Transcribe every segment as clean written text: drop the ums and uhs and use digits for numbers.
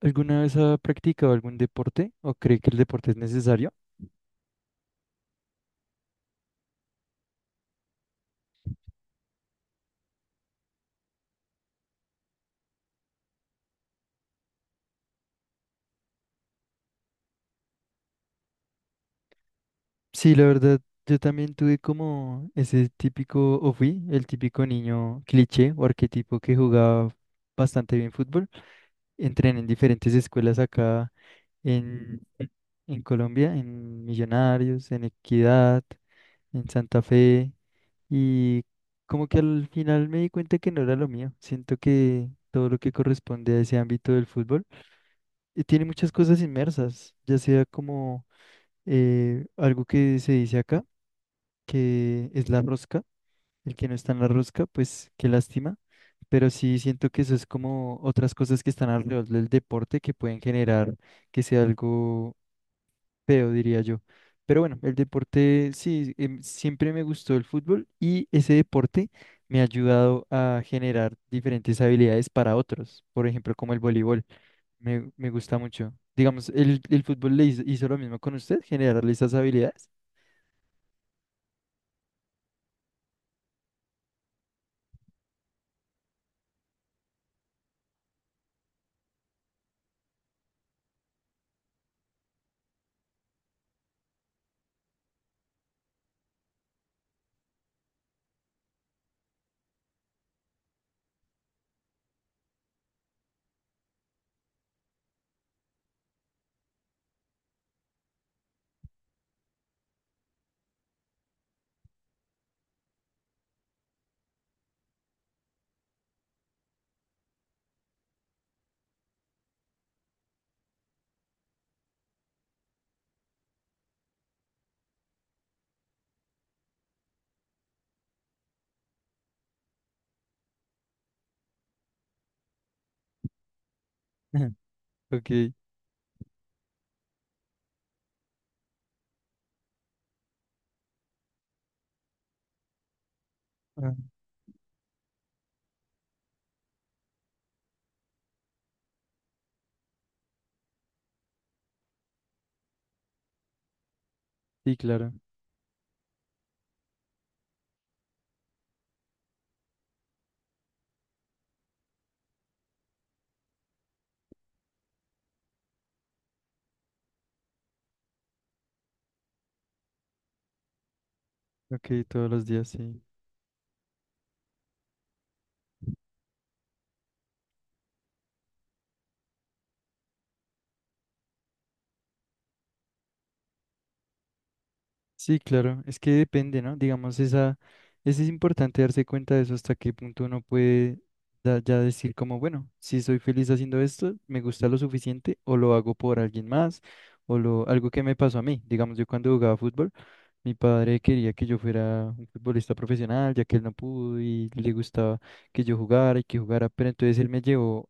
¿Alguna vez ha practicado algún deporte o cree que el deporte es necesario? Sí, la verdad, yo también tuve como ese típico, o fui el típico niño cliché o arquetipo que jugaba bastante bien fútbol. Entrené en diferentes escuelas acá en, en Colombia, en Millonarios, en Equidad, en Santa Fe. Y como que al final me di cuenta que no era lo mío. Siento que todo lo que corresponde a ese ámbito del fútbol tiene muchas cosas inmersas, ya sea como algo que se dice acá, que es la rosca, el que no está en la rosca, pues qué lástima, pero sí siento que eso es como otras cosas que están alrededor del deporte que pueden generar que sea algo feo, diría yo. Pero bueno, el deporte sí, siempre me gustó el fútbol y ese deporte me ha ayudado a generar diferentes habilidades para otros, por ejemplo, como el voleibol. Me gusta mucho. Digamos, el fútbol le hizo lo mismo con usted, generarle esas habilidades. Ok. Ah, sí, claro. Ok, todos los días, sí. Sí, claro, es que depende, ¿no? Digamos, esa, es importante darse cuenta de eso hasta qué punto uno puede ya decir como, bueno, si soy feliz haciendo esto, me gusta lo suficiente o lo hago por alguien más o lo, algo que me pasó a mí. Digamos, yo cuando jugaba fútbol, mi padre quería que yo fuera un futbolista profesional, ya que él no pudo y le gustaba que yo jugara y que jugara, pero entonces él me llevó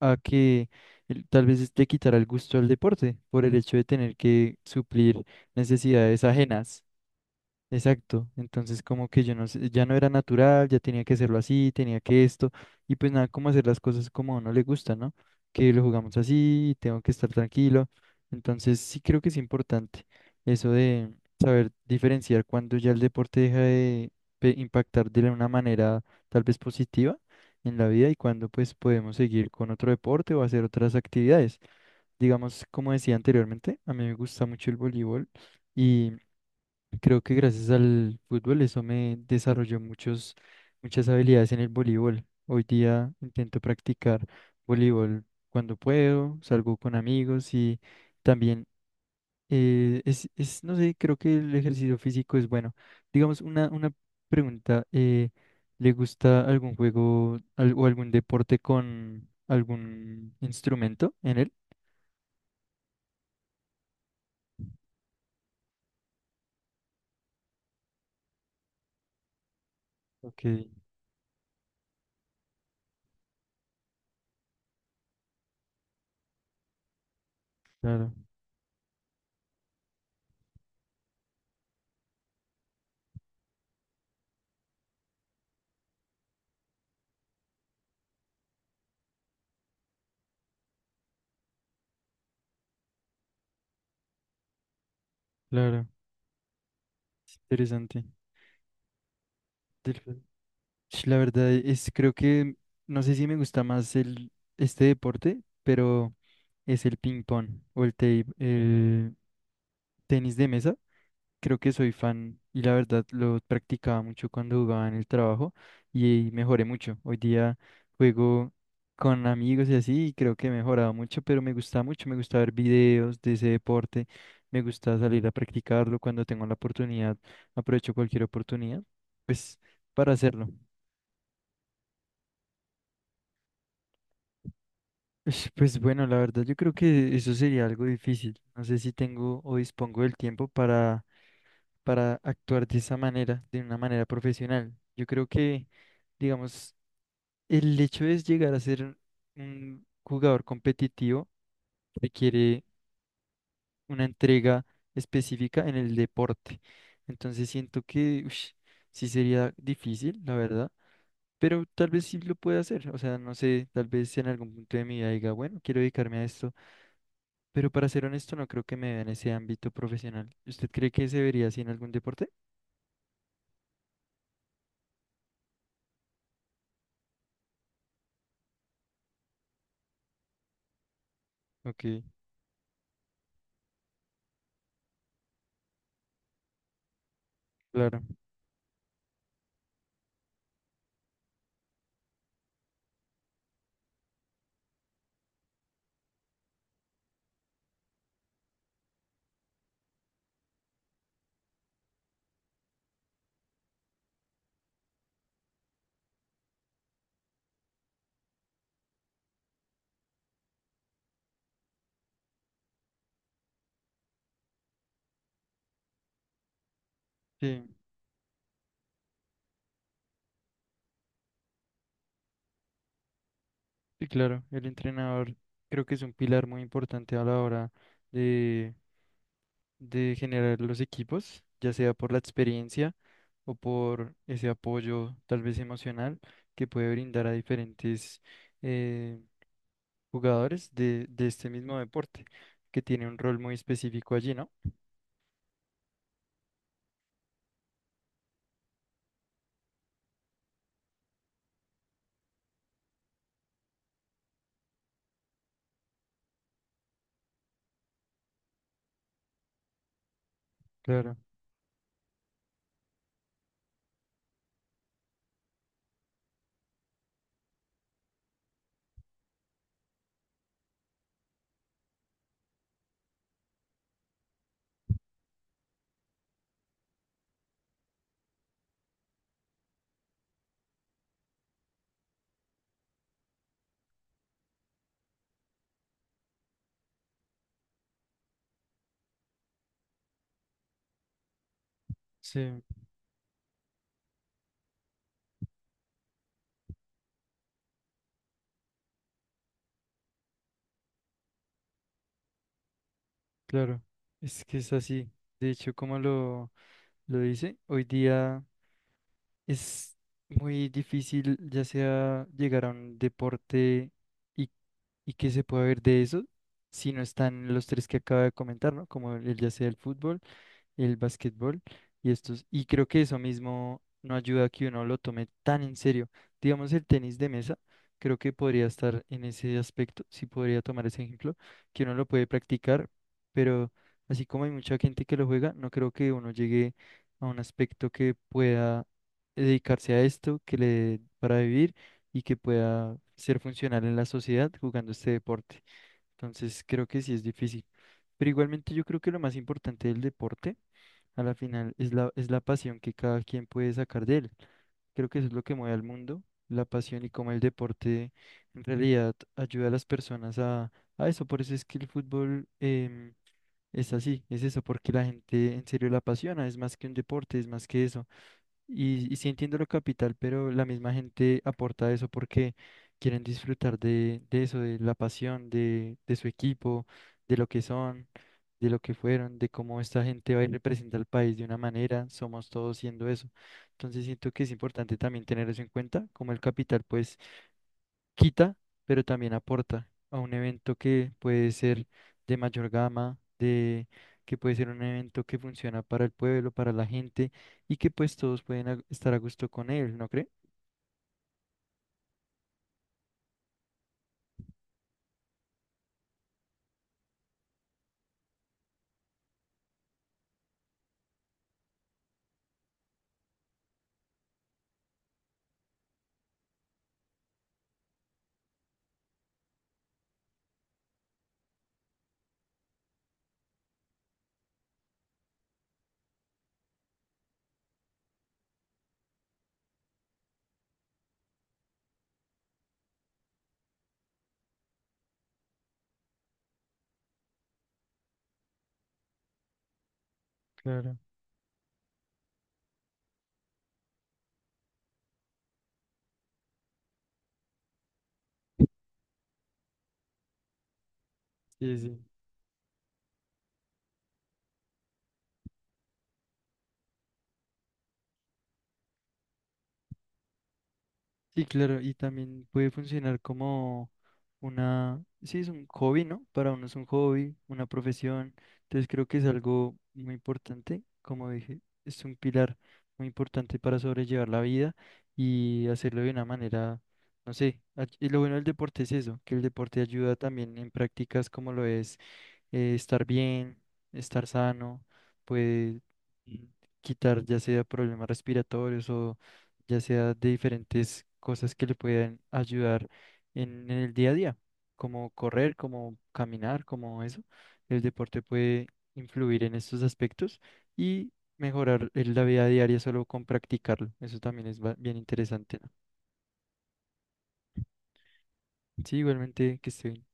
a que él tal vez le quitara el gusto al deporte por el hecho de tener que suplir necesidades ajenas. Exacto. Entonces, como que yo no sé, ya no era natural, ya tenía que hacerlo así, tenía que esto, y pues nada, como hacer las cosas como a uno le gusta, ¿no? Que lo jugamos así, tengo que estar tranquilo. Entonces, sí creo que es importante eso de saber diferenciar cuando ya el deporte deja de impactar de una manera tal vez positiva en la vida y cuando pues podemos seguir con otro deporte o hacer otras actividades. Digamos, como decía anteriormente, a mí me gusta mucho el voleibol. Y creo que gracias al fútbol eso me desarrolló muchos, muchas habilidades en el voleibol. Hoy día intento practicar voleibol cuando puedo, salgo con amigos y también no sé, creo que el ejercicio físico es bueno. Digamos, una pregunta, ¿le gusta algún juego o algún deporte con algún instrumento en él? Ok, claro, claro, es interesante. Sh, la verdad es, creo que, no sé si me gusta más el, este deporte, pero es el ping pong o el, el tenis de mesa. Creo que soy fan y la verdad lo practicaba mucho cuando jugaba en el trabajo y mejoré mucho. Hoy día juego con amigos y así y creo que he mejorado mucho, pero me gusta mucho, me gusta ver videos de ese deporte, me gusta salir a practicarlo cuando tengo la oportunidad, aprovecho cualquier oportunidad, pues para hacerlo. Ush, pues bueno, la verdad yo creo que eso sería algo difícil. No sé si tengo o dispongo del tiempo para actuar de esa manera, de una manera profesional. Yo creo que, digamos, el hecho de llegar a ser un jugador competitivo requiere una entrega específica en el deporte. Entonces siento que ush, sí sería difícil, la verdad, pero tal vez sí lo pueda hacer. O sea, no sé, tal vez en algún punto de mi vida diga, bueno, quiero dedicarme a esto. Pero para ser honesto, no creo que me vea en ese ámbito profesional. ¿Usted cree que se vería así en algún deporte? Ok, claro. Sí, sí, claro. El entrenador creo que es un pilar muy importante a la hora de, de generar los equipos, ya sea por la experiencia o por ese apoyo tal vez emocional que puede brindar a diferentes eh, jugadores de este mismo deporte, que tiene un rol muy específico allí, ¿no? Claro, sí. Claro, es que es así. De hecho, como lo dice, hoy día es muy difícil ya sea llegar a un deporte y, y que se pueda ver de eso si no están los tres que acaba de comentar, ¿no? Como el ya sea el fútbol, el básquetbol y estos, y creo que eso mismo no ayuda a que uno lo tome tan en serio. Digamos el tenis de mesa, creo que podría estar en ese aspecto, sí podría tomar ese ejemplo, que uno lo puede practicar, pero así como hay mucha gente que lo juega, no creo que uno llegue a un aspecto que pueda dedicarse a esto, que le dé para vivir y que pueda ser funcional en la sociedad jugando este deporte. Entonces creo que sí es difícil. Pero igualmente yo creo que lo más importante del deporte a la final es la pasión que cada quien puede sacar de él. Creo que eso es lo que mueve al mundo, la pasión y cómo el deporte en realidad ayuda a las personas a eso. Por eso es que el fútbol es así, es eso, porque la gente en serio la apasiona, es más que un deporte, es más que eso. Y sí entiendo lo capital, pero la misma gente aporta eso porque quieren disfrutar de eso, de la pasión, de su equipo, de lo que son, de lo que fueron, de cómo esta gente va y representa al país de una manera, somos todos siendo eso. Entonces siento que es importante también tener eso en cuenta, como el capital pues quita, pero también aporta a un evento que puede ser de mayor gama, de que puede ser un evento que funciona para el pueblo, para la gente y que pues todos pueden estar a gusto con él, ¿no cree? Claro. Sí, sí. Sí, claro, y también puede funcionar como una, sí, es un hobby, ¿no? Para uno es un hobby, una profesión, entonces creo que es algo muy importante, como dije, es un pilar muy importante para sobrellevar la vida y hacerlo de una manera, no sé, y lo bueno del deporte es eso, que el deporte ayuda también en prácticas como lo es estar bien, estar sano, puede mm, quitar ya sea problemas respiratorios o ya sea de diferentes cosas que le puedan ayudar en el día a día, como correr, como caminar, como eso. El deporte puede influir en estos aspectos y mejorar la vida diaria solo con practicarlo. Eso también es bien interesante, ¿no? Sí, igualmente que esté bien.